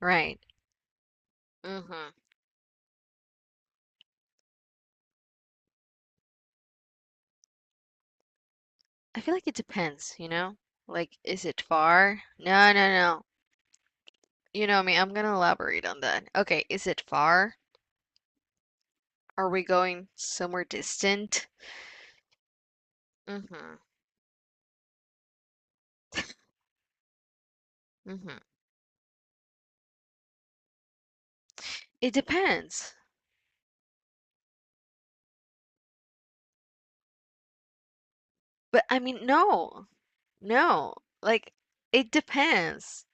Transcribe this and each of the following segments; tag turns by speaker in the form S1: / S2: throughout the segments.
S1: Right. Mhm. I feel like it depends, you know? Like, is it far? No, no, no. You know me, I'm gonna elaborate on that. Okay, is it far? Are we going somewhere distant? Mhm. Mhm. It depends. But I mean, no. No. Like, it depends.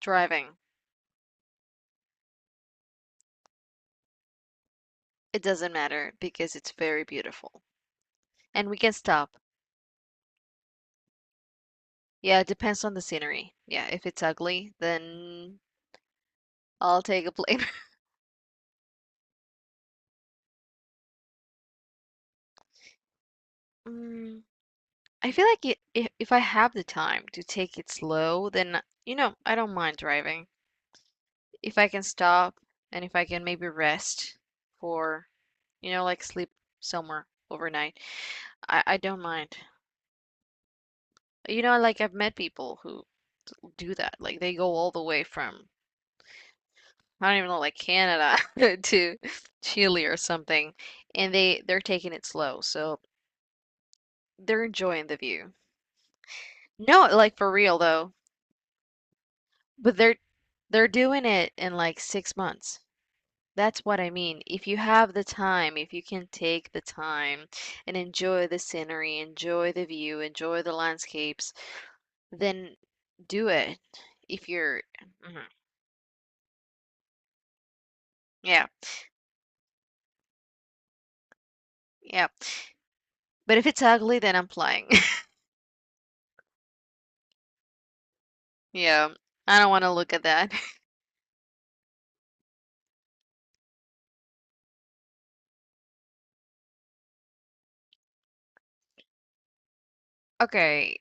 S1: Driving. It doesn't matter because it's very beautiful. And we can stop. Yeah, it depends on the scenery. Yeah, if it's ugly, then I'll take a plane. I feel like it, if I have the time to take it slow, then you know, I don't mind driving. If I can stop and if I can maybe rest for, you know, like sleep somewhere overnight, I don't mind. You know, like I've met people who do that. Like they go all the way from I don't even know, like Canada to Chile or something, and they're taking it slow, so they're enjoying the view. No, like for real though, but they're doing it in like 6 months. That's what I mean. If you have the time, if you can take the time and enjoy the scenery, enjoy the view, enjoy the landscapes, then do it. If you're, mhm, yeah, yeah. But if it's ugly, then I'm flying. Yeah, I don't want to look at that. Okay,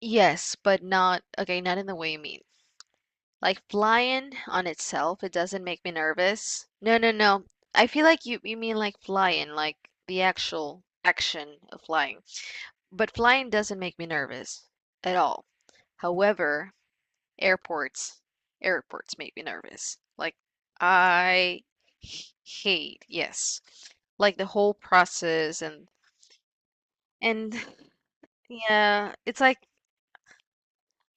S1: yes, but not, okay, not in the way you mean. Like flying on itself, it doesn't make me nervous. No, no, no. I feel like you mean like flying, like the actual action of flying. But flying doesn't make me nervous at all. However, airports airports make me nervous. Like I hate, yes. Like the whole process and yeah, it's like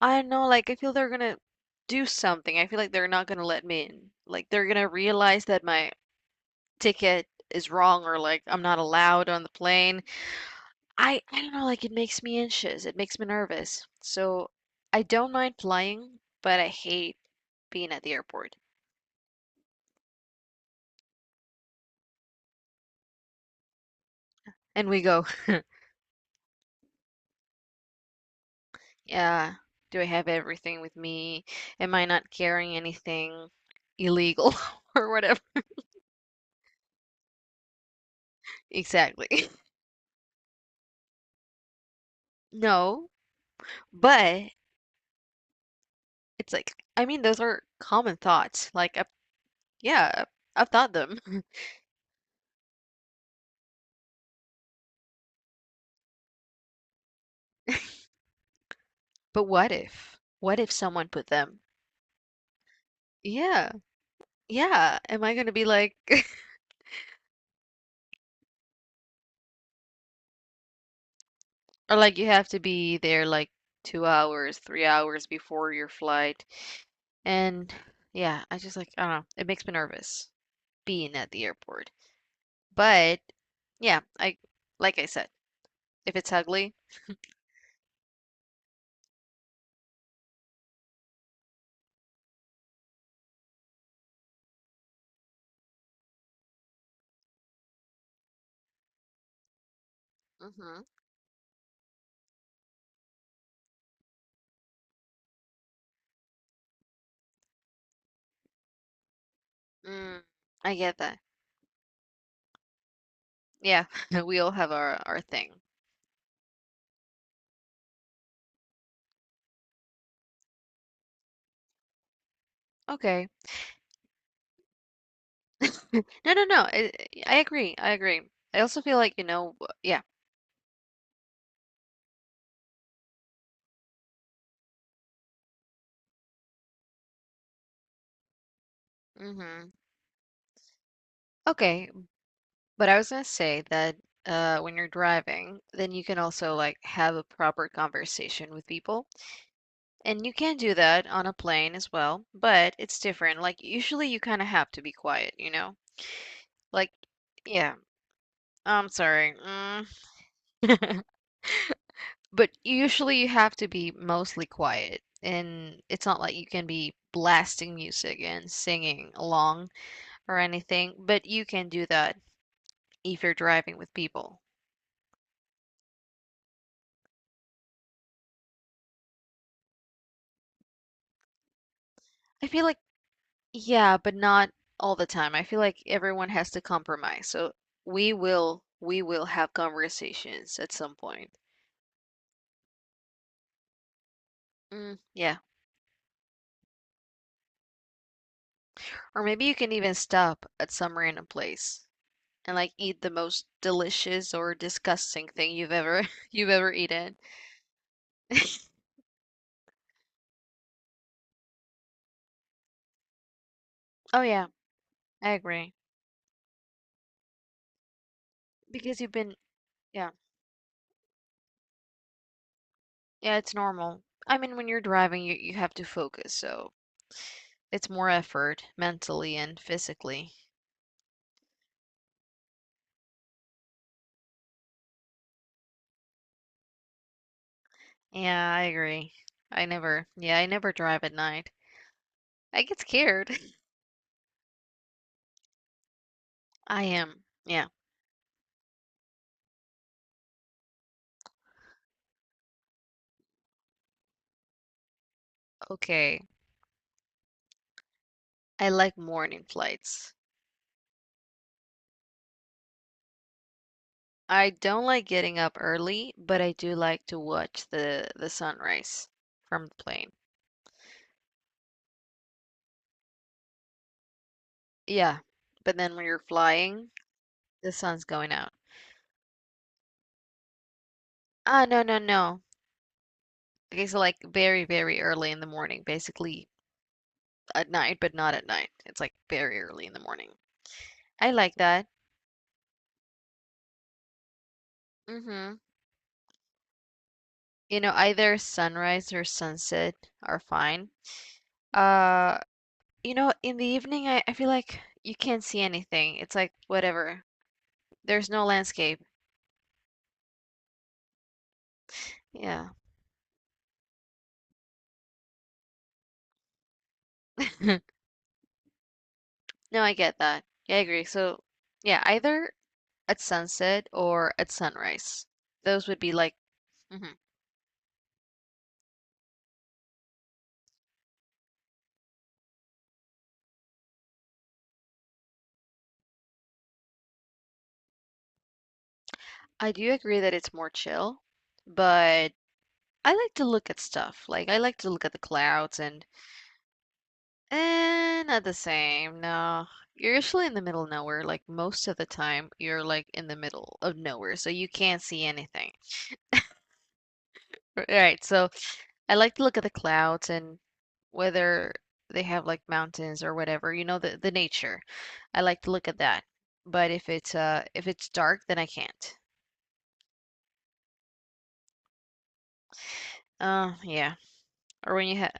S1: I don't know, like I feel they're gonna do something. I feel like they're not gonna let me in. Like they're gonna realize that my ticket is wrong or like I'm not allowed on the plane. I don't know, like, it makes me anxious, it makes me nervous. So I don't mind flying, but I hate being at the airport. And we go. Yeah, do I have everything with me? Am I not carrying anything illegal or whatever? Exactly. No, but it's like, I mean, those are common thoughts. Like, I, yeah, I've thought them. But what if? What if someone put them? Yeah, yeah. Am I gonna be like? Or like you have to be there like 2 hours, 3 hours before your flight. And yeah, I just like, I don't know, it makes me nervous being at the airport. But yeah, I like I said, if it's ugly, hmm, mm, I get that. Yeah, we all have our thing. Okay. No, no, no. I agree. I agree. I also feel like, you know, w- yeah. Hmm. Okay, but I was gonna say that when you're driving, then you can also like have a proper conversation with people. And you can do that on a plane as well, but it's different. Like usually you kind of have to be quiet, you know? Like yeah, I'm sorry. Mm. But usually you have to be mostly quiet, and it's not like you can be blasting music and singing along, or anything, but you can do that if you're driving with people. I feel like, yeah, but not all the time. I feel like everyone has to compromise. So we will have conversations at some point. Mm, yeah. Or maybe you can even stop at some random place and like eat the most delicious or disgusting thing you've ever you've ever eaten. Oh yeah, I agree. Because you've been yeah, yeah, it's normal. I mean, when you're driving, you have to focus, so it's more effort mentally and physically. Yeah, I agree. I never, yeah, I never drive at night. I get scared. I am, yeah, okay. I like morning flights. I don't like getting up early, but I do like to watch the sunrise from the plane. Yeah, but then when you're flying, the sun's going out. Ah, no, no, no. Okay, so like very, very early in the morning, basically at night, but not at night. It's like very early in the morning. I like that. Mm-hmm. You know, either sunrise or sunset are fine. Uh, you know, in the evening, I feel like you can't see anything. It's like whatever. There's no landscape. Yeah. No, I get that. Yeah, I agree. So, yeah, either at sunset or at sunrise. Those would be like, mhm. I do agree that it's more chill, but I like to look at stuff. Like, I like to look at the clouds and eh, not the same, no. You're usually in the middle of nowhere. Like most of the time, you're like in the middle of nowhere, so you can't see anything. R- Right, so I like to look at the clouds and whether they have like mountains or whatever, you know, the nature. I like to look at that. But if it's dark, then I can't. Oh yeah. Or when you have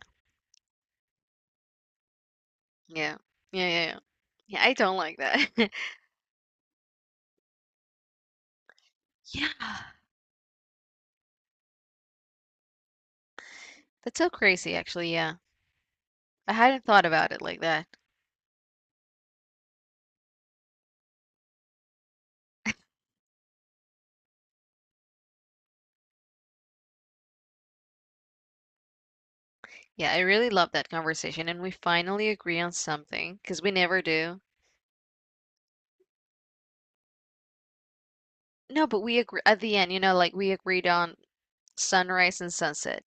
S1: yeah. Yeah, yeah, yeah. Yeah, I don't like that. Yeah. That's so crazy actually, yeah. I hadn't thought about it like that. Yeah, I really love that conversation, and we finally agree on something because we never do. No, but we agree at the end, you know, like we agreed on sunrise and sunset.